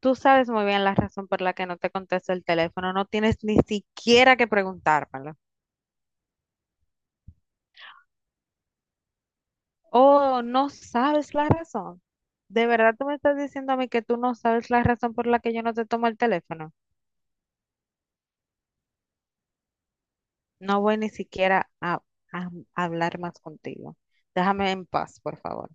Tú sabes muy bien la razón por la que no te contesto el teléfono. No tienes ni siquiera que preguntármelo. Oh, no sabes la razón. ¿De verdad tú me estás diciendo a mí que tú no sabes la razón por la que yo no te tomo el teléfono? No voy ni siquiera a hablar más contigo. Déjame en paz, por favor.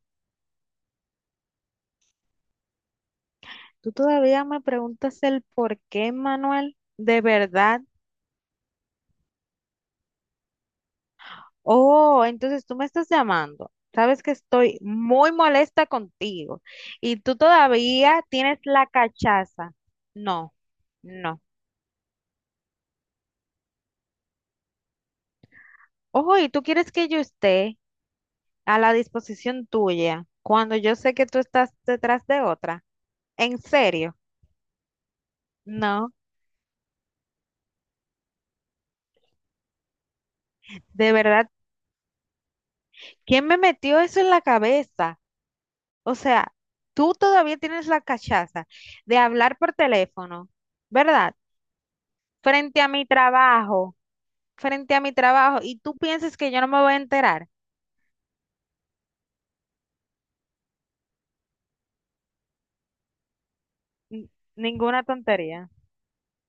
¿Tú todavía me preguntas el por qué, Manuel? ¿De verdad? Oh, entonces tú me estás llamando. Sabes que estoy muy molesta contigo y tú todavía tienes la cachaza. No, no. Ojo, y tú quieres que yo esté a la disposición tuya cuando yo sé que tú estás detrás de otra. ¿En serio? No, de verdad. ¿Quién me metió eso en la cabeza? O sea, tú todavía tienes la cachaza de hablar por teléfono, ¿verdad? Frente a mi trabajo, frente a mi trabajo, y tú piensas que yo no me voy a enterar. N- Ninguna tontería.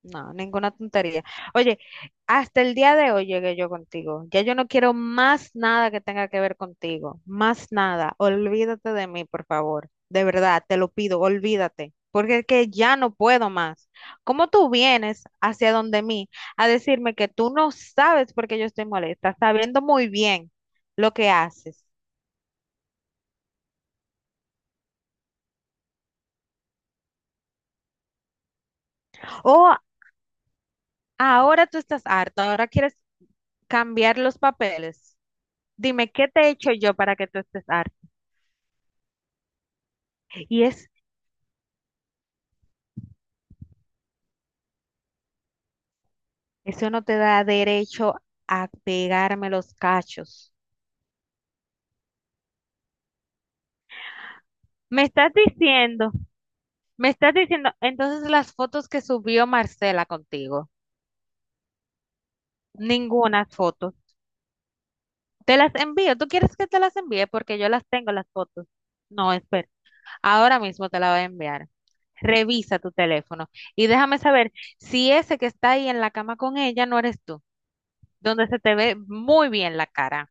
No, ninguna tontería. Oye, hasta el día de hoy llegué yo contigo. Ya yo no quiero más nada que tenga que ver contigo. Más nada. Olvídate de mí, por favor. De verdad, te lo pido, olvídate. Porque es que ya no puedo más. ¿Cómo tú vienes hacia donde mí a decirme que tú no sabes por qué yo estoy molesta, sabiendo muy bien lo que haces? O ahora tú estás harta, ahora quieres cambiar los papeles. Dime, ¿qué te he hecho yo para que tú estés harta? Y es, eso no te da derecho a pegarme los cachos. Me estás diciendo, me estás diciendo, entonces las fotos que subió Marcela contigo, ninguna foto. Te las envío. ¿Tú quieres que te las envíe? Porque yo las tengo, las fotos. No, espera. Ahora mismo te la voy a enviar. Revisa tu teléfono y déjame saber si ese que está ahí en la cama con ella no eres tú, donde se te ve muy bien la cara.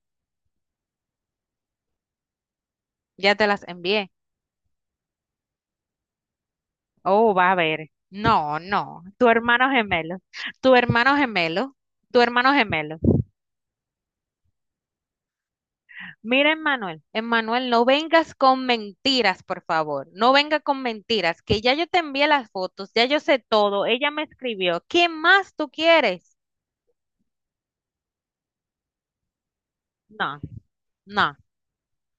Ya te las envié. Oh, va a ver. No, no. Tu hermano gemelo. Tu hermano gemelo. Tu hermano gemelo. Mira, Emmanuel. Emmanuel, no vengas con mentiras, por favor. No venga con mentiras, que ya yo te envié las fotos, ya yo sé todo. Ella me escribió. ¿Qué más tú quieres? No, no,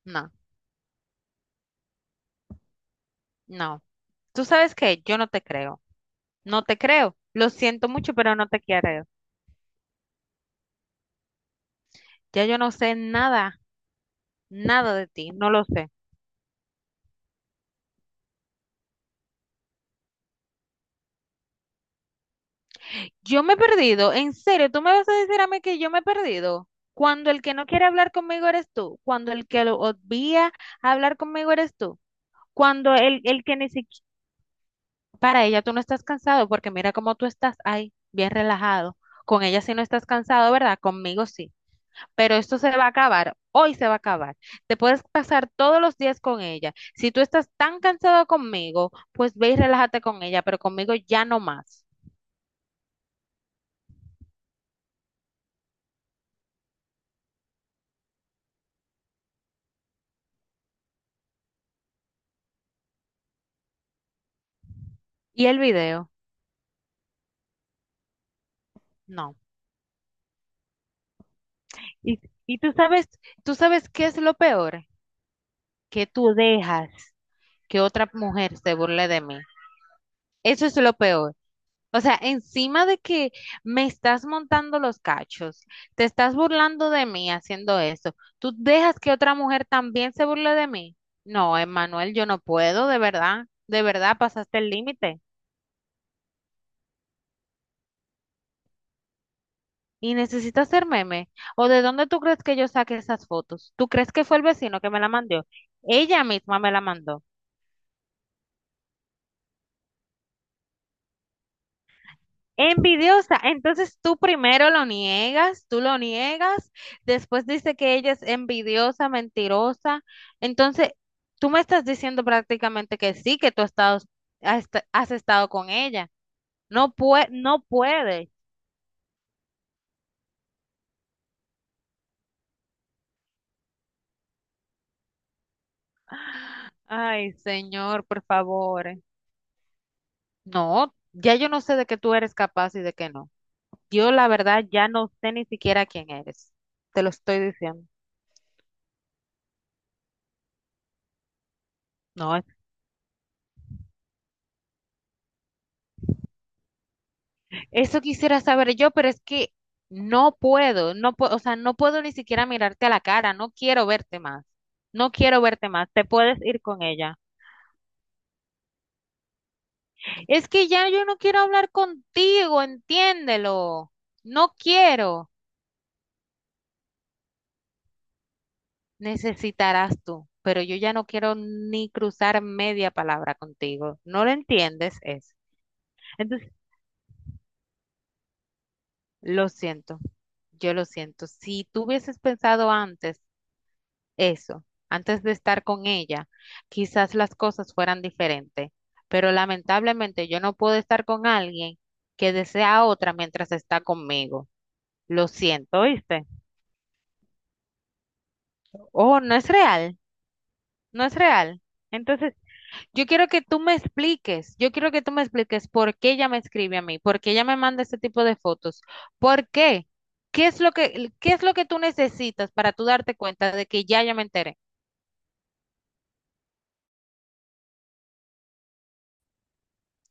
no, no. ¿Tú sabes qué? Yo no te creo. No te creo. Lo siento mucho, pero no te creo. Ya yo no sé nada, nada de ti. No lo sé. Yo me he perdido, en serio, tú me vas a decir a mí que yo me he perdido. Cuando el que no quiere hablar conmigo eres tú, cuando el que lo obvia hablar conmigo eres tú, cuando el que ni siquiera, para ella tú no estás cansado, porque mira cómo tú estás ahí, bien relajado. Con ella sí no estás cansado, ¿verdad? Conmigo sí. Pero esto se va a acabar, hoy se va a acabar. Te puedes pasar todos los días con ella. Si tú estás tan cansado conmigo, pues ve y relájate con ella, pero conmigo ya no más. ¿Y el video? No. Y, y tú sabes qué es lo peor, que tú dejas que otra mujer se burle de mí. Eso es lo peor. O sea, encima de que me estás montando los cachos, te estás burlando de mí haciendo eso, tú dejas que otra mujer también se burle de mí. No, Emmanuel, yo no puedo, de verdad pasaste el límite. Y necesitas hacer meme. ¿O de dónde tú crees que yo saqué esas fotos? ¿Tú crees que fue el vecino que me la mandó? Ella misma me la mandó. Envidiosa. Entonces tú primero lo niegas, tú lo niegas, después dice que ella es envidiosa, mentirosa. Entonces tú me estás diciendo prácticamente que sí, que tú has estado, has estado con ella. No puede, no puede. Ay, señor, por favor. No, ya yo no sé de qué tú eres capaz y de qué no. Yo la verdad ya no sé ni siquiera quién eres. Te lo estoy diciendo. No, eso quisiera saber yo, pero es que no puedo, no puedo, o sea, no puedo ni siquiera mirarte a la cara, no quiero verte más, no quiero verte más, te puedes ir con ella. Es que ya yo no quiero hablar contigo, entiéndelo, no quiero. Necesitarás tú, pero yo ya no quiero ni cruzar media palabra contigo, no lo entiendes eso. Entonces, lo siento, yo lo siento. Si tú hubieses pensado antes, eso, antes de estar con ella, quizás las cosas fueran diferentes, pero lamentablemente yo no puedo estar con alguien que desea a otra mientras está conmigo. Lo siento, ¿viste? Oh, no es real, no es real. Entonces, yo quiero que tú me expliques, yo quiero que tú me expliques por qué ella me escribe a mí, por qué ella me manda ese tipo de fotos, por qué, qué es lo que, qué es lo que tú necesitas para tú darte cuenta de que ya ya me enteré.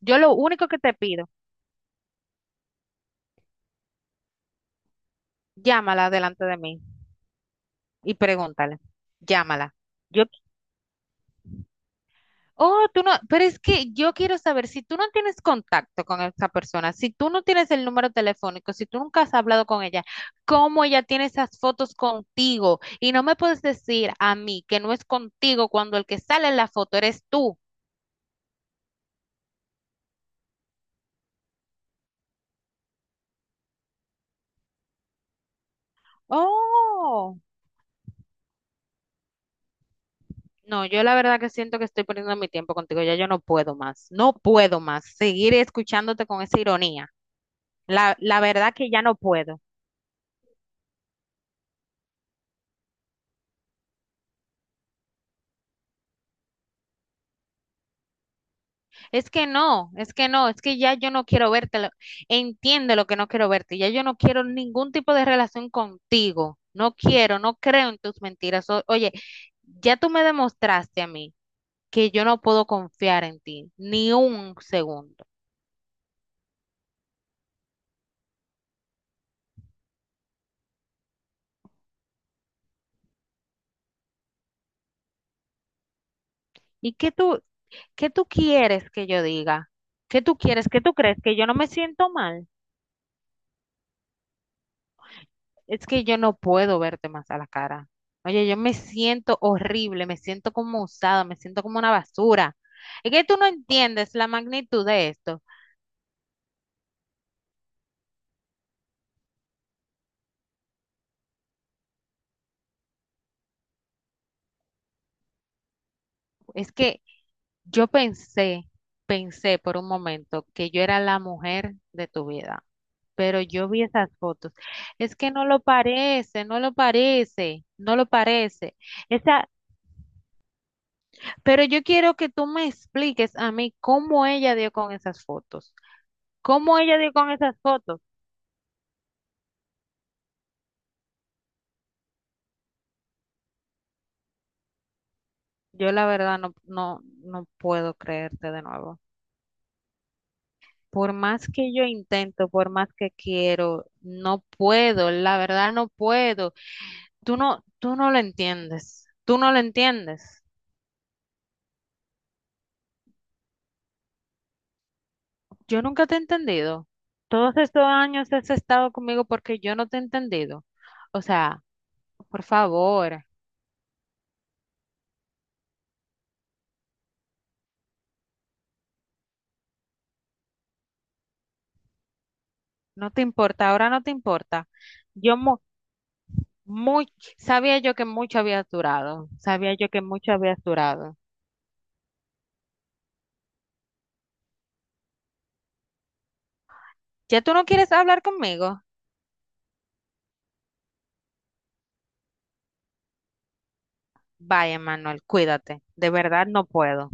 Yo lo único que te pido, llámala delante de mí, y pregúntale, llámala. Yo, oh, tú no, pero es que yo quiero saber si tú no tienes contacto con esa persona, si tú no tienes el número telefónico, si tú nunca has hablado con ella, ¿cómo ella tiene esas fotos contigo? Y no me puedes decir a mí que no es contigo cuando el que sale en la foto eres tú. Oh, no, yo la verdad que siento que estoy perdiendo mi tiempo contigo, ya yo no puedo más, no puedo más seguir escuchándote con esa ironía. La verdad que ya no puedo. Es que no, es que no, es que ya yo no quiero verte. Entiende lo que no quiero verte. Ya yo no quiero ningún tipo de relación contigo. No quiero, no creo en tus mentiras. Oye, ya tú me demostraste a mí que yo no puedo confiar en ti ni un segundo. ¿Y qué tú quieres que yo diga? ¿Qué tú quieres? ¿Qué tú crees? ¿Que yo no me siento mal? Es que yo no puedo verte más a la cara. Oye, yo me siento horrible, me siento como usada, me siento como una basura. Es que tú no entiendes la magnitud de esto. Es que yo pensé, pensé por un momento que yo era la mujer de tu vida, pero yo vi esas fotos. Es que no lo parece, no lo parece, no lo parece. Esa, pero yo quiero que tú me expliques a mí cómo ella dio con esas fotos. ¿Cómo ella dio con esas fotos? Yo la verdad no, no, no puedo creerte de nuevo. Por más que yo intento, por más que quiero, no puedo, la verdad no puedo. Tú no lo entiendes, tú no lo entiendes. Yo nunca te he entendido. Todos estos años has estado conmigo porque yo no te he entendido. O sea, por favor, no te importa, ahora no te importa. Yo mu- muy, Sabía yo que mucho habías durado, sabía yo que mucho habías durado. ¿Ya tú no quieres hablar conmigo? Bye, Emanuel, cuídate. De verdad no puedo.